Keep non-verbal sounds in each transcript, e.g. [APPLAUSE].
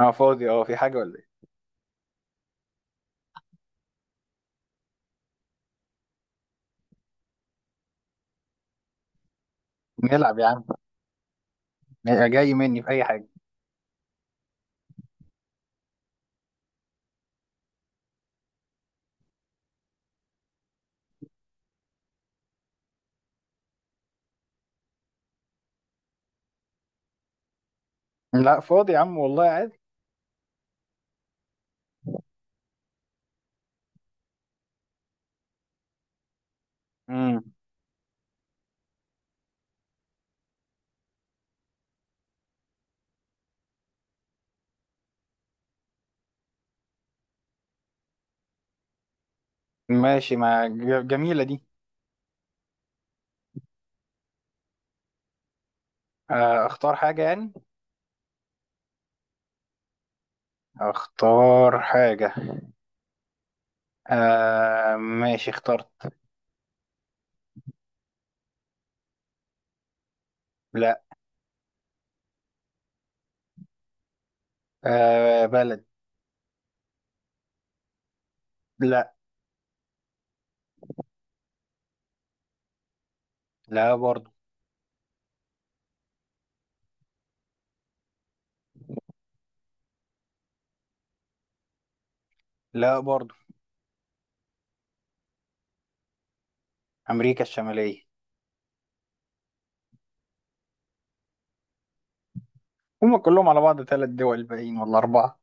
اه فاضي، في حاجة ولا ايه؟ نلعب يا عم. جاي مني في اي حاجة؟ لا فاضي يا عم والله عادي. امم. ماشي، ما ج- جميلة دي. آه، اختار حاجة يعني. اختار حاجة. آه ماشي اخترت. لا. آه بلد. لا. لا برضو. لا برضو. امريكا الشمالية. هما كلهم على بعض ثلاث دول باقيين ولا اربعة؟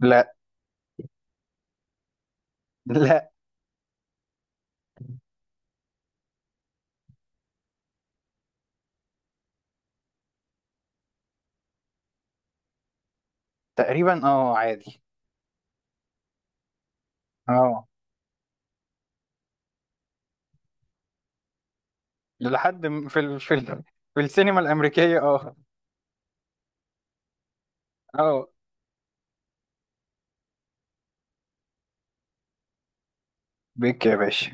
لا. لا. تقريبا عادي. اه، لحد في السينما الامريكية. اه. اه، بيك يا باشا.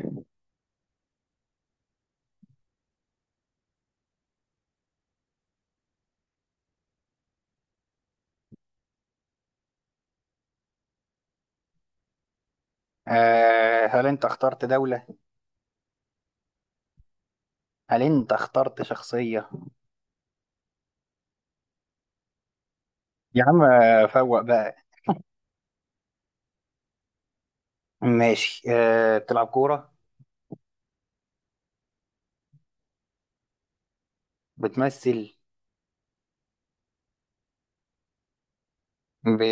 آه، هل انت اخترت دولة؟ هل انت اخترت شخصية؟ يا عم فوق بقى. ماشي، بتلعب كورة؟ بتمثل؟ ب...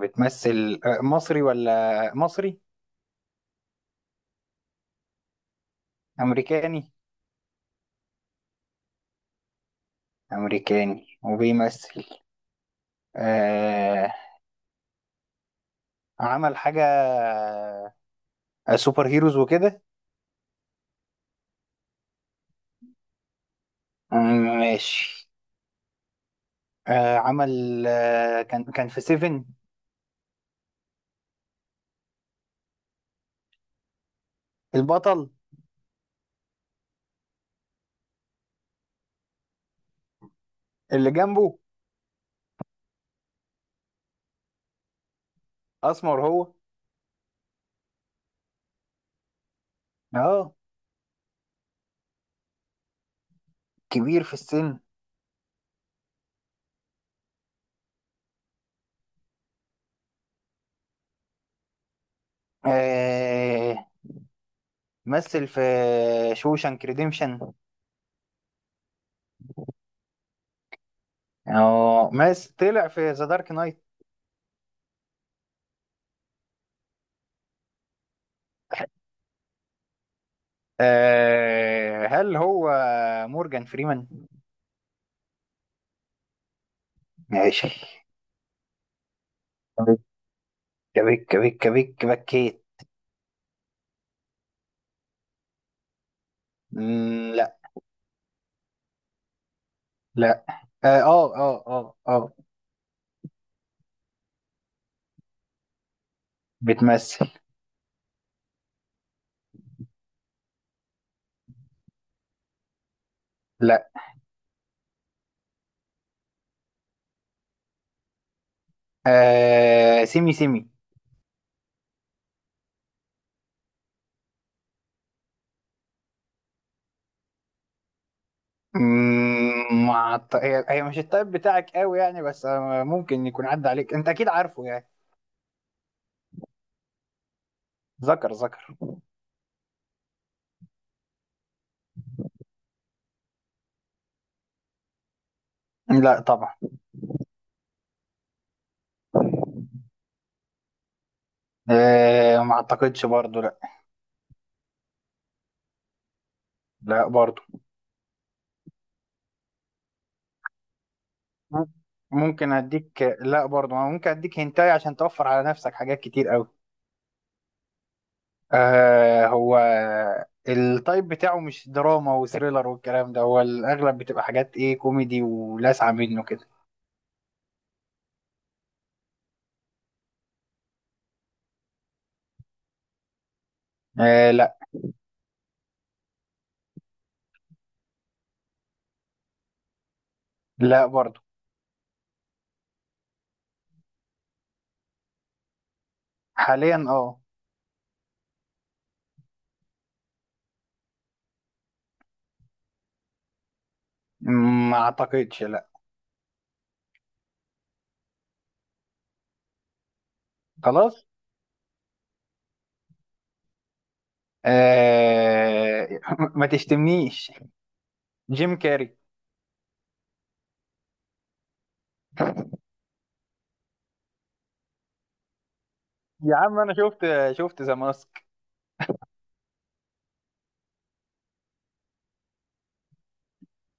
بتمثل، مصري ولا مصري؟ أمريكاني. أمريكاني وبيمثل. آه، عمل حاجة. سوبر هيروز وكده؟ مم، ماشي. آه، عمل، كان في سيفن؟ البطل. اللي جنبه. أسمر هو. اه. كبير في السن. آه، مثل في شوشانك ريديمشن. أو مس طلع في ذا دارك نايت. آه، هل هو مورجان فريمان؟ ماشي. كبك كبك كبك كبك بكيت. لا. لا. اه اه اه اه آه. بتمثل. لا. آه، سيمي سيمي. هي مش التايب بتاعك قوي يعني، بس ممكن يكون عدى عليك، انت اكيد عارفه يعني. ذكر ذكر. لا طبعا. آه، ما اعتقدش برضو، لا. لا برضو. مم- ممكن اديك، لا برضو ممكن اديك هنتاي عشان توفر على نفسك حاجات كتير قوي. آه، هو التايب بتاعه مش دراما وثريلر والكلام ده، هو الاغلب بتبقى حاجات ايه، كوميدي ولاسعه منه كده. آه لا. لا برضو. حاليا اه. ما اعتقدش لا. خلاص. آه [LAUGHS] ما تشتمنيش. جيم كاري. يا عم انا شفت ذا ماسك.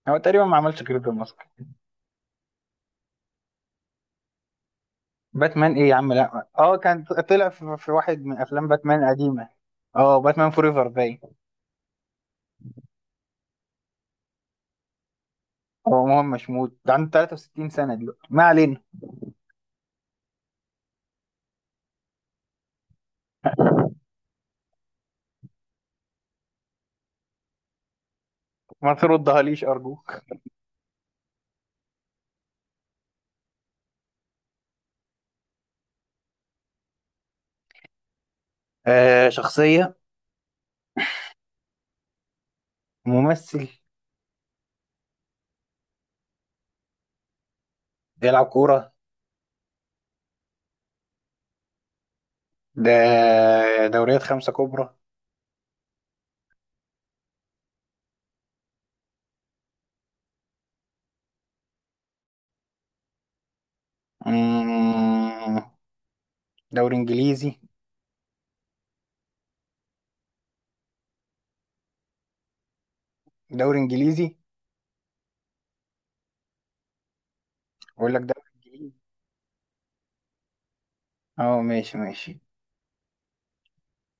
هو تقريبا ما عملش غير ذا ماسك. باتمان ايه يا عم؟ لا، كان طلع في واحد من افلام باتمان قديمة. اه باتمان فوريفر باين. هو مهم مش موت، ده عنده 63 سنة دلوقتي، ما علينا. ما تردها ليش، ارجوك. آه، شخصية. ممثل. بيلعب كورة. ده دوريات خمسة كبرى. مم، دوري انجليزي. دوري انجليزي. اقول لك دوري انجليزي. اه ماشي ماشي.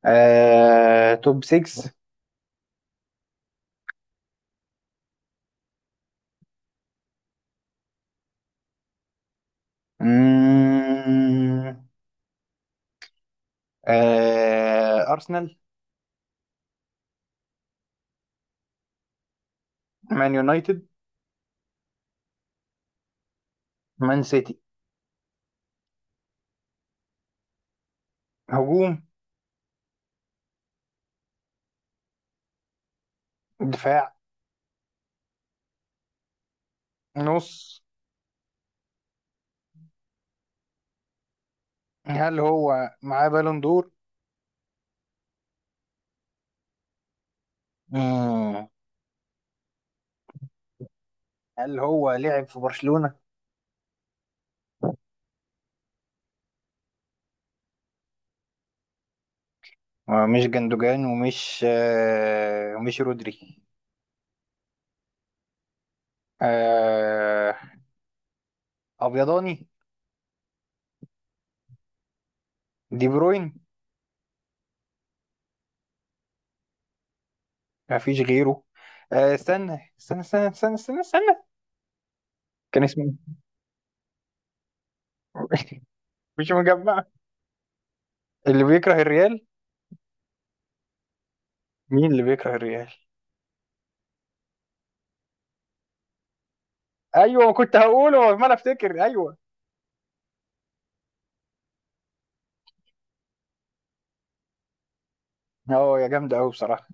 آه، توب 6. آه، ارسنال. مان يونايتد. مان سيتي. هجوم. دفاع. نص. هل هو معاه بالون دور؟ مم. هل هو لعب في برشلونة؟ مش جندوجان ومش ومش رودري. آه، أبيضاني. دي بروين. ما فيش غيره. آه، استنى استنى استنى استنى استنى، استنى. كان اسمه إيه؟ [LAUGHS] مش مجمع. اللي بيكره الريال. مين اللي بيكره الريال؟ ايوه، ما كنت هقوله، ما انا افتكر ايوه. هو يا جامد قوي بصراحة.